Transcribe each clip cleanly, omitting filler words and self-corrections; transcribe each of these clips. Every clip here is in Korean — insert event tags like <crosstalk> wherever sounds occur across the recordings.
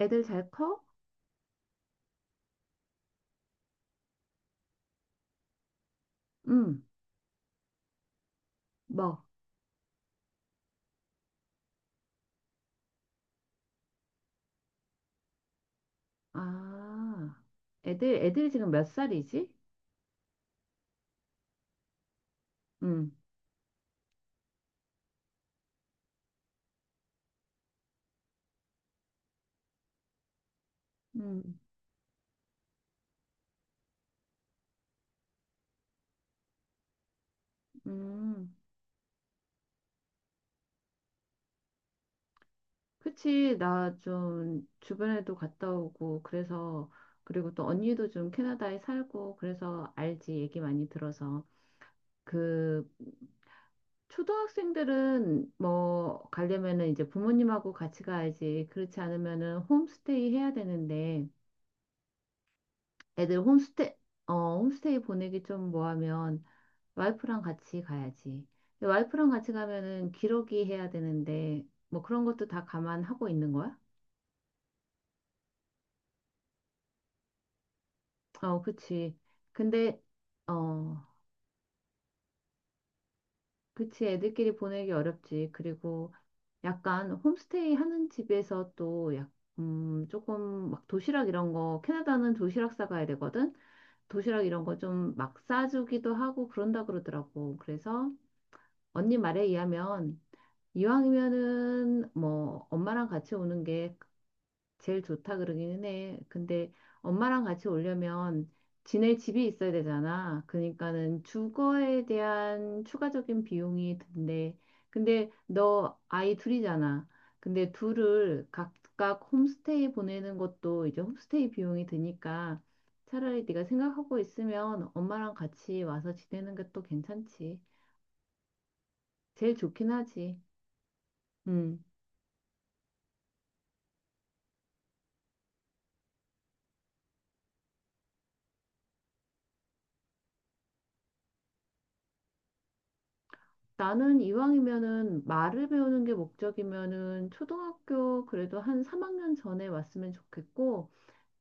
애들 잘 커? 응, 뭐. 아, 애들이 지금 몇 살이지? 응, 응, 응. 그치, 나 좀 주변에도 갔다 오고, 그래서 그리고 또 언니도 좀 캐나다에 살고, 그래서 알지, 얘기 많이 들어서. 그, 초등학생들은 뭐, 가려면은 이제 부모님하고 같이 가야지. 그렇지 않으면은 홈스테이 해야 되는데, 애들 홈스테 홈스테이 보내기 좀 뭐하면, 와이프랑 같이 가야지. 근데 와이프랑 같이 가면은 기러기 해야 되는데 뭐 그런 것도 다 감안하고 있는 거야? 어, 그치. 근데 어, 그치. 애들끼리 보내기 어렵지. 그리고 약간 홈스테이 하는 집에서 조금 막 도시락 이런 거, 캐나다는 도시락 싸가야 되거든. 도시락 이런 거 좀 막 싸주기도 하고 그런다 그러더라고. 그래서 언니 말에 의하면 이왕이면은 뭐 엄마랑 같이 오는 게 제일 좋다 그러기는 해. 근데 엄마랑 같이 오려면 지낼 집이 있어야 되잖아. 그러니까는 주거에 대한 추가적인 비용이 든대. 근데 너 아이 둘이잖아. 근데 둘을 각각 홈스테이 보내는 것도 이제 홈스테이 비용이 드니까 차라리 네가 생각하고 있으면 엄마랑 같이 와서 지내는 게 또 괜찮지. 제일 좋긴 하지. 음. 나는 이왕이면은 말을 배우는 게 목적이면은 초등학교 그래도 한 3학년 전에 왔으면 좋겠고,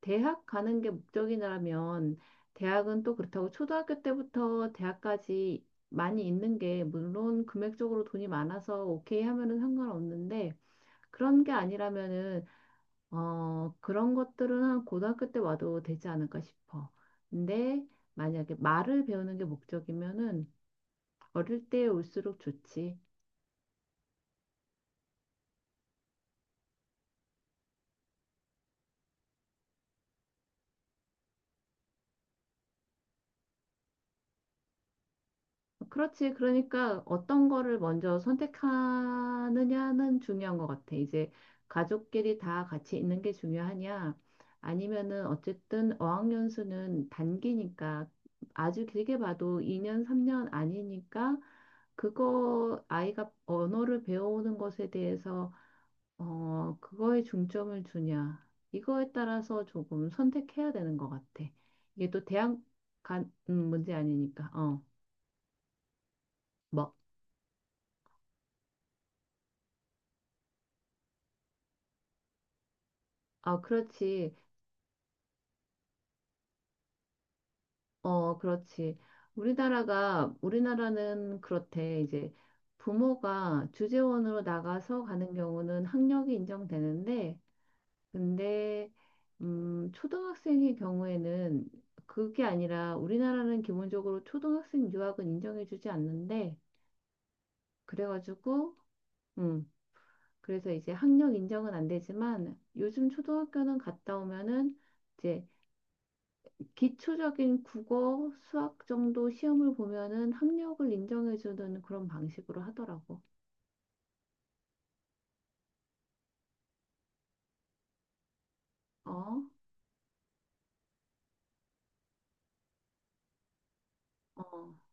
대학 가는 게 목적이라면, 대학은 또 그렇다고 초등학교 때부터 대학까지 많이 있는 게, 물론 금액적으로 돈이 많아서 오케이 하면은 상관없는데, 그런 게 아니라면은, 그런 것들은 한 고등학교 때 와도 되지 않을까 싶어. 근데 만약에 말을 배우는 게 목적이면은 어릴 때 올수록 좋지. 그렇지. 그러니까 어떤 거를 먼저 선택하느냐는 중요한 것 같아. 이제 가족끼리 다 같이 있는 게 중요하냐? 아니면은 어쨌든 어학연수는 단기니까, 아주 길게 봐도 2년, 3년 아니니까, 그거 아이가 언어를 배우는 것에 대해서 그거에 중점을 주냐. 이거에 따라서 조금 선택해야 되는 것 같아. 이게 또 대학 간 문제 아니니까. 어. 뭐. 아, 그렇지. 어, 그렇지. 우리나라는 그렇대. 이제 부모가 주재원으로 나가서 가는 경우는 학력이 인정되는데, 근데, 초등학생의 경우에는 그게 아니라, 우리나라는 기본적으로 초등학생 유학은 인정해주지 않는데, 그래가지고, 음, 그래서 이제 학력 인정은 안 되지만, 요즘 초등학교는 갔다 오면은, 이제 기초적인 국어, 수학 정도 시험을 보면은 학력을 인정해주는 그런 방식으로 하더라고. 어, 어.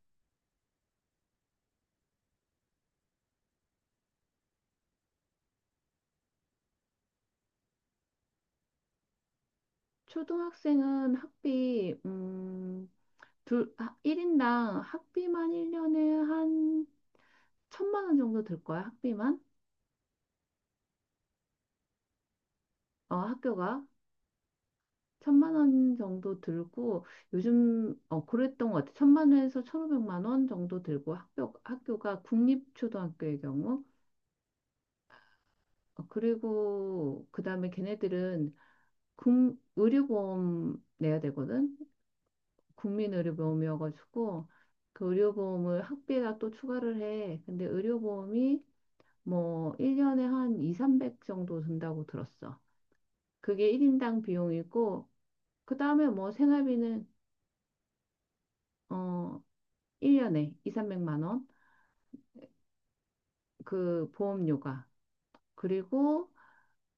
초등학생은 학비, 둘, 1인당 학비만 1년에 한 1,000만 원 정도 들 거야, 학비만? 어, 학교가. 1,000만 원 정도 들고, 요즘, 그랬던 것 같아. 1,000만 원에서 1,500만 원 정도 들고, 학교가 국립초등학교의 경우. 어, 그리고, 그 다음에 걔네들은 의료보험 내야 되거든. 국민의료보험이어가지고 그 의료보험을 학비에다 또 추가를 해. 근데 의료보험이 뭐 1년에 한 이삼백 정도 든다고 들었어. 그게 1인당 비용이고, 그다음에 뭐 생활비는 어 1년에 200~300만 원. 그 보험료가. 그리고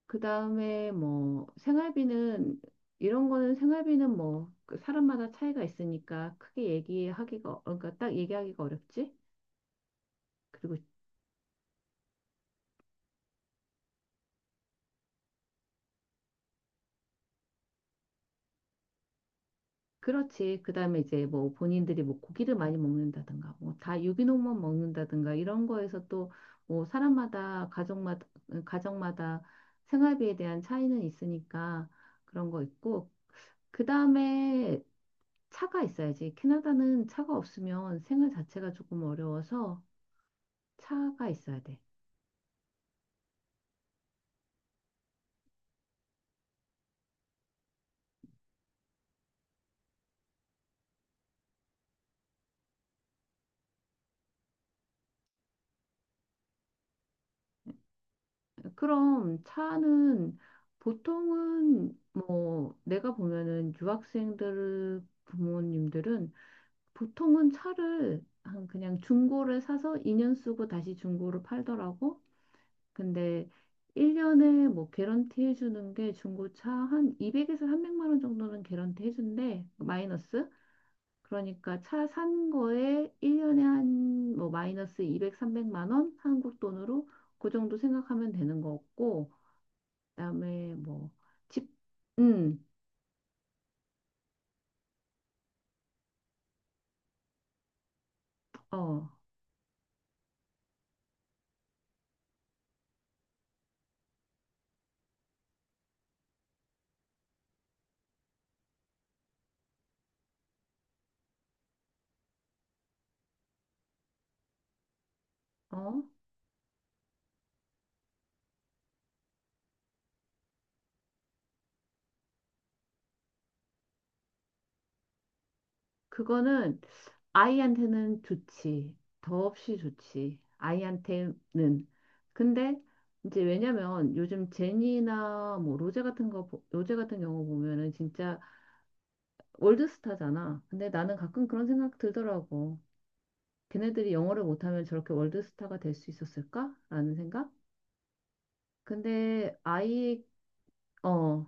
그 다음에 뭐 생활비는, 이런 거는 생활비는 뭐그 사람마다 차이가 있으니까 크게 얘기하기가, 그러니까 딱 얘기하기가 어렵지. 그리고 그렇지. 그 다음에 이제 뭐 본인들이 뭐 고기를 많이 먹는다든가 뭐 다 유기농만 먹는다든가 이런 거에서 또 뭐 사람마다 가정마다, 가정마다 생활비에 대한 차이는 있으니까 그런 거 있고 그 다음에 차가 있어야지. 캐나다는 차가 없으면 생활 자체가 조금 어려워서 차가 있어야 돼. 그럼 차는 보통은 뭐 내가 보면은 유학생들 부모님들은 보통은 차를 한 그냥 중고를 사서 2년 쓰고 다시 중고를 팔더라고. 근데 1년에 뭐 개런티 해주는 게, 중고차 한 200에서 300만 원 정도는 개런티 해준대. 마이너스. 그러니까 차 산 거에 1년에 한 뭐 마이너스 200~300만 원 한국 돈으로 그 정도 생각하면 되는 거고 그다음에 뭐 집, 음, 어, 어, 그거는 아이한테는 좋지. 더없이 좋지. 아이한테는. 근데 이제 왜냐면 요즘 제니나 뭐 로제 같은 거, 로제 같은 경우 보면은 진짜 월드스타잖아. 근데 나는 가끔 그런 생각 들더라고. 걔네들이 영어를 못하면 저렇게 월드스타가 될 수 있었을까 라는 생각? 근데 어,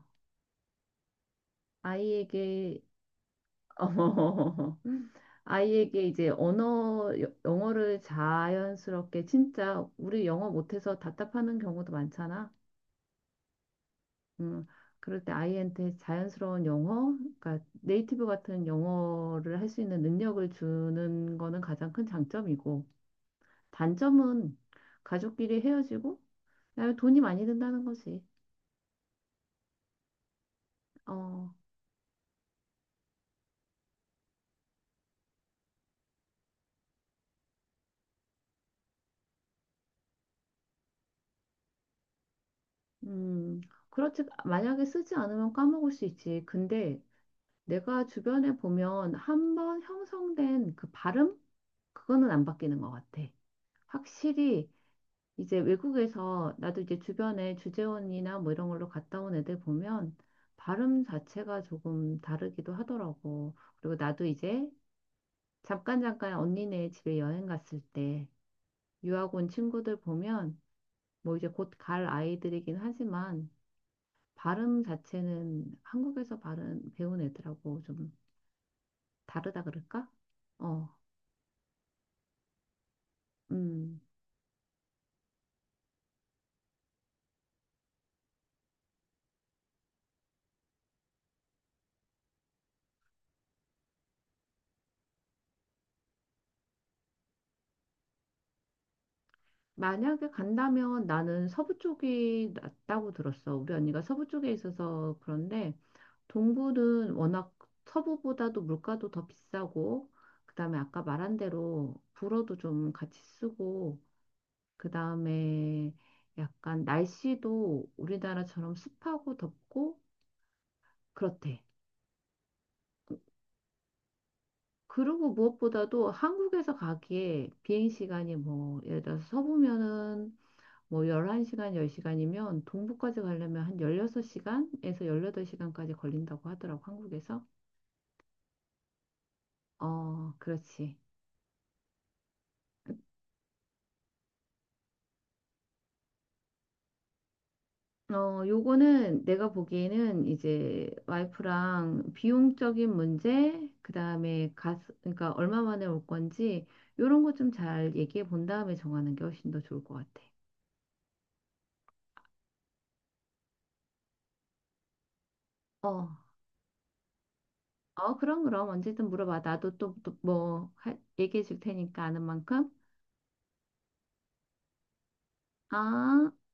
아이에게, <laughs> 어, 아이에게 이제 영어를 자연스럽게, 진짜 우리 영어 못해서 답답하는 경우도 많잖아. 음, 그럴 때 아이한테 자연스러운 영어, 그러니까 네이티브 같은 영어를 할 수 있는 능력을 주는 거는 가장 큰 장점이고, 단점은 가족끼리 헤어지고, 그다음에 돈이 많이 든다는 거지. 어, 음, 그렇지. 만약에 쓰지 않으면 까먹을 수 있지. 근데 내가 주변에 보면, 한번 형성된 그 발음? 그거는 안 바뀌는 것 같아. 확실히. 이제 외국에서, 나도 이제 주변에 주재원이나 뭐 이런 걸로 갔다 온 애들 보면 발음 자체가 조금 다르기도 하더라고. 그리고 나도 이제 잠깐 언니네 집에 여행 갔을 때 유학 온 친구들 보면, 뭐 이제 곧 갈 아이들이긴 하지만, 발음 자체는 한국에서 발음 배운 애들하고 좀 다르다 그럴까? 어, 음. 만약에 간다면 나는 서부 쪽이 낫다고 들었어. 우리 언니가 서부 쪽에 있어서 그런데, 동부는 워낙 서부보다도 물가도 더 비싸고, 그다음에 아까 말한 대로 불어도 좀 같이 쓰고, 그다음에 약간 날씨도 우리나라처럼 습하고 덥고 그렇대. 그리고 무엇보다도 한국에서 가기에 비행 시간이, 뭐 예를 들어서 서부면은 뭐 11시간, 10시간이면, 동부까지 가려면 한 16시간에서 18시간까지 걸린다고 하더라고, 한국에서. 어, 그렇지. 어, 요거는 내가 보기에는 이제 와이프랑 비용적인 문제, 그다음에 가 그러니까 얼마 만에 올 건지, 요런 거 좀 잘 얘기해 본 다음에 정하는 게 훨씬 더 좋을 것 같아. 어. 어, 그럼, 그럼. 언제든 물어봐. 나도 또, 또 뭐, 얘기해 줄 테니까 아는 만큼. 아.